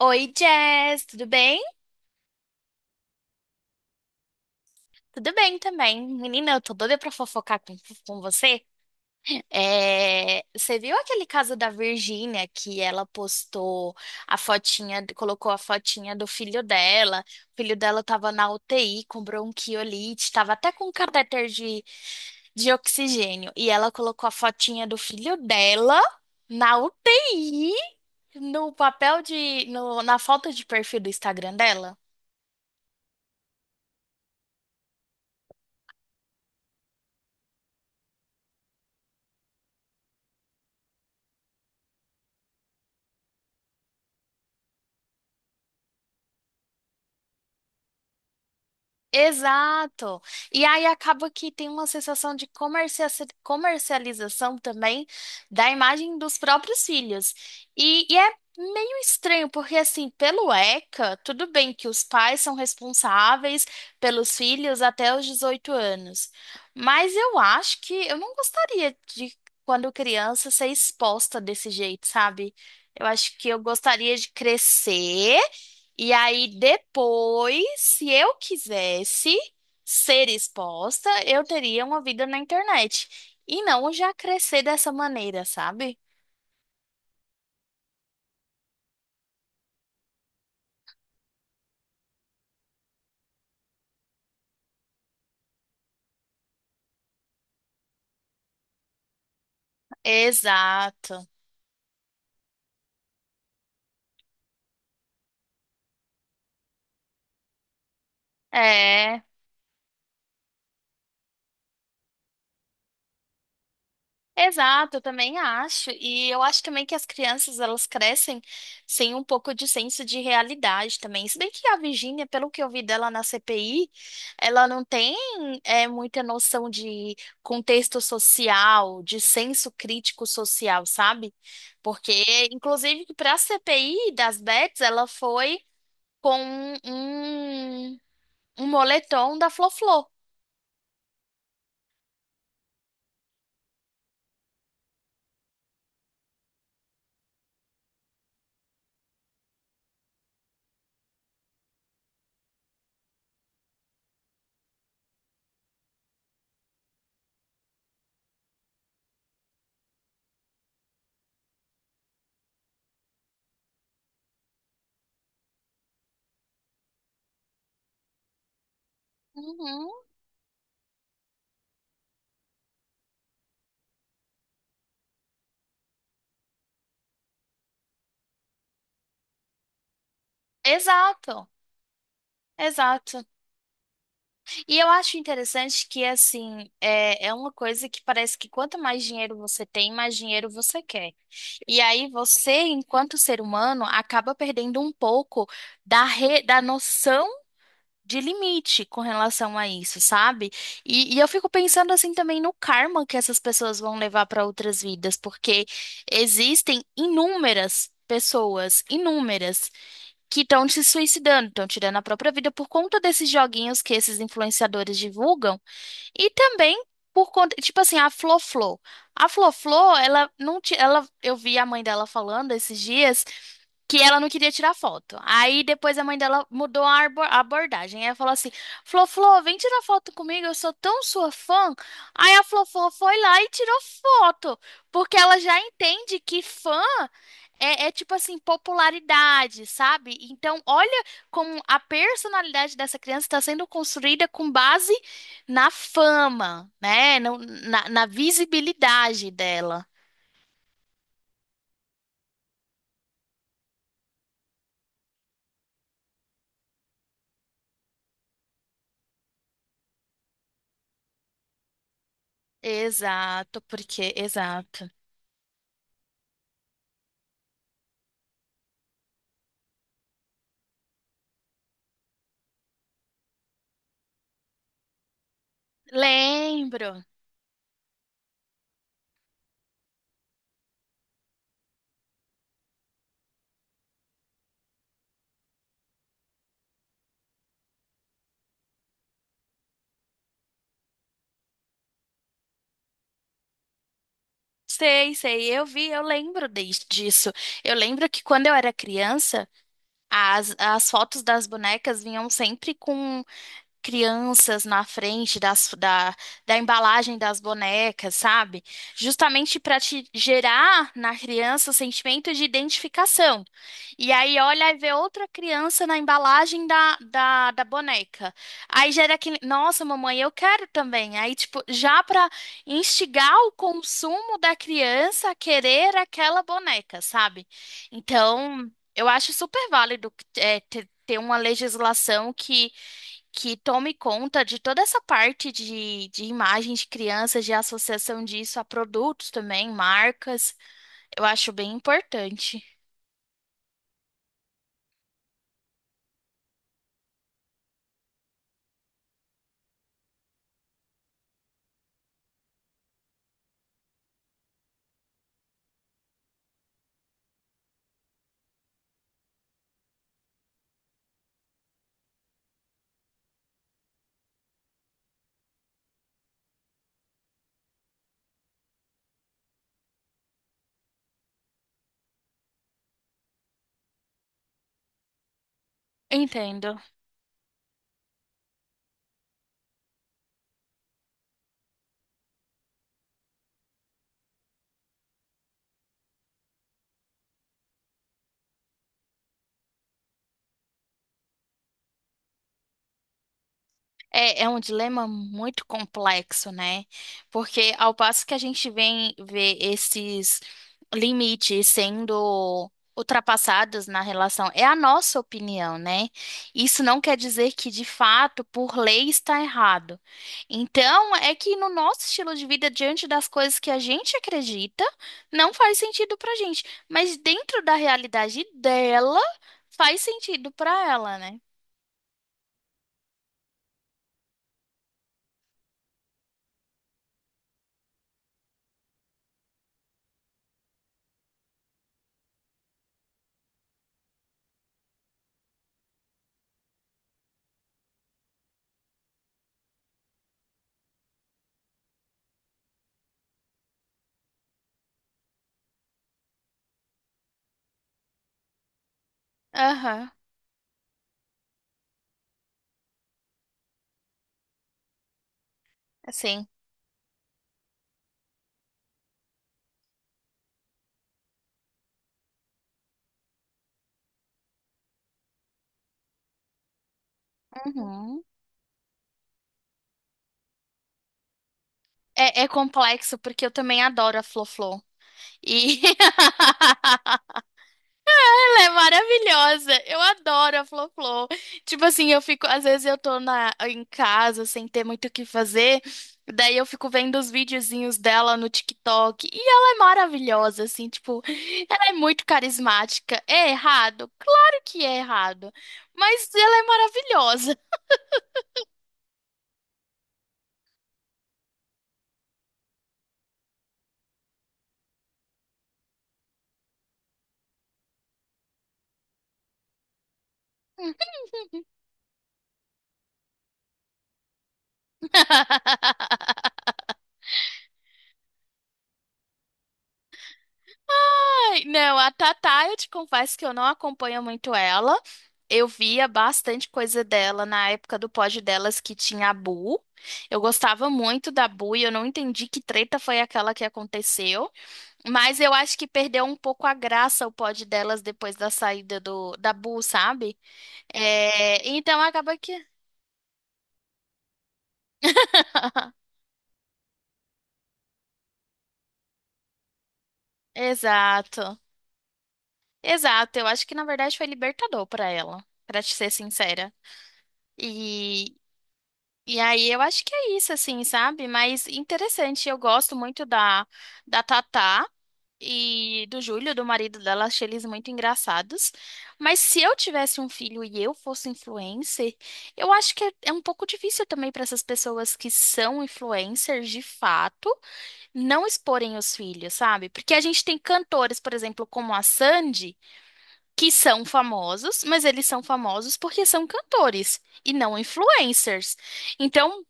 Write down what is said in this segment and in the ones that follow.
Oi, Jess, tudo bem? Tudo bem também. Menina, eu tô doida pra fofocar com você. É, você viu aquele caso da Virgínia que ela postou a fotinha, colocou a fotinha do filho dela. O filho dela tava na UTI com bronquiolite, tava até com catéter de oxigênio. E ela colocou a fotinha do filho dela na UTI, no papel de, no- na foto de perfil do Instagram dela. Exato. E aí acaba que tem uma sensação de comercialização também da imagem dos próprios filhos. E é meio estranho, porque assim, pelo ECA, tudo bem que os pais são responsáveis pelos filhos até os 18 anos. Mas eu acho que eu não gostaria de, quando criança, ser exposta desse jeito, sabe? Eu acho que eu gostaria de crescer. E aí, depois, se eu quisesse ser exposta, eu teria uma vida na internet. E não já crescer dessa maneira, sabe? Exato. É. Exato, eu também acho. E eu acho também que as crianças, elas crescem sem um pouco de senso de realidade também. Se bem que a Virgínia, pelo que eu vi dela na CPI, ela não tem muita noção de contexto social, de senso crítico social, sabe? Porque, inclusive, para a CPI das Bets, ela foi com um moletom da Floflô. Uhum, exato, exato. E eu acho interessante que, assim, é uma coisa que parece que quanto mais dinheiro você tem, mais dinheiro você quer. E aí você, enquanto ser humano, acaba perdendo um pouco da noção de limite com relação a isso, sabe? E eu fico pensando, assim, também no karma que essas pessoas vão levar para outras vidas, porque existem inúmeras pessoas, inúmeras que estão se suicidando, estão tirando a própria vida por conta desses joguinhos que esses influenciadores divulgam. E também por conta, tipo assim, a Flo-Flo. A Flo-Flo, ela não ti- ela eu vi a mãe dela falando esses dias que ela não queria tirar foto. Aí depois a mãe dela mudou a abordagem. Ela falou assim: Flo, Flo, vem tirar foto comigo, eu sou tão sua fã. Aí a Flo, Flo foi lá e tirou foto, porque ela já entende que fã é tipo assim, popularidade, sabe? Então, olha como a personalidade dessa criança está sendo construída com base na fama, né? Na visibilidade dela. Exato, exato. Lembro. Sei, sei, eu vi, eu lembro disso. Eu lembro que quando eu era criança, as fotos das bonecas vinham sempre com crianças na frente da embalagem das bonecas, sabe? Justamente para te gerar na criança o sentimento de identificação. E aí olha e vê outra criança na embalagem da boneca. Aí gera aquele, nossa, mamãe, eu quero também. Aí, tipo, já para instigar o consumo da criança a querer aquela boneca, sabe? Então, eu acho super válido ter uma legislação que tome conta de toda essa parte de imagens de crianças, de associação disso a produtos também, marcas. Eu acho bem importante. Entendo. É um dilema muito complexo, né? Porque ao passo que a gente vem ver esses limites sendo ultrapassados na relação, é a nossa opinião, né? Isso não quer dizer que de fato, por lei, está errado. Então, é que no nosso estilo de vida, diante das coisas que a gente acredita, não faz sentido pra gente, mas dentro da realidade dela, faz sentido pra ela, né? Aham, assim. Uhum. É complexo porque eu também adoro a Flo-Flo. E ela é maravilhosa. Eu adoro a Flo-Flo. Tipo assim, eu fico, às vezes eu tô em casa sem ter muito o que fazer, daí eu fico vendo os videozinhos dela no TikTok e ela é maravilhosa, assim, tipo, ela é muito carismática. É errado? Claro que é errado, mas ela é maravilhosa. Ai, não, a Tatá, eu te confesso que eu não acompanho muito ela. Eu via bastante coisa dela na época do pod delas que tinha a Bu. Eu gostava muito da Bu e eu não entendi que treta foi aquela que aconteceu. Mas eu acho que perdeu um pouco a graça o pod delas depois da saída da Bu, sabe? É, então acaba que. Exato. Exato. Eu acho que na verdade foi libertador pra ela, pra te ser sincera. e E aí eu acho que é isso, assim, sabe? Mas interessante, eu gosto muito da Tatá e do Júlio, do marido dela, achei eles muito engraçados. Mas se eu tivesse um filho e eu fosse influencer, eu acho que é um pouco difícil também para essas pessoas que são influencers de fato não exporem os filhos, sabe? Porque a gente tem cantores, por exemplo, como a Sandy, que são famosos, mas eles são famosos porque são cantores e não influencers. Então,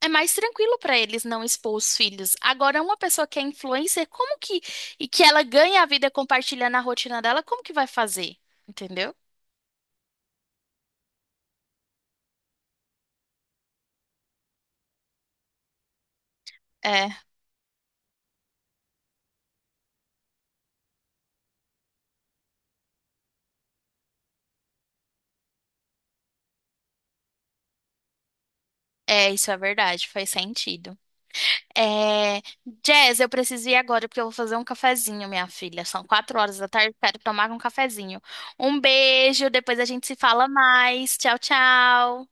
é mais tranquilo para eles não expor os filhos. Agora, uma pessoa que é influencer, como que e que ela ganha a vida compartilhando a rotina dela, como que vai fazer? Entendeu? É, isso é verdade, faz sentido. É, Jazz, eu preciso ir agora porque eu vou fazer um cafezinho, minha filha. São 4 horas da tarde, quero tomar um cafezinho. Um beijo, depois a gente se fala mais. Tchau, tchau.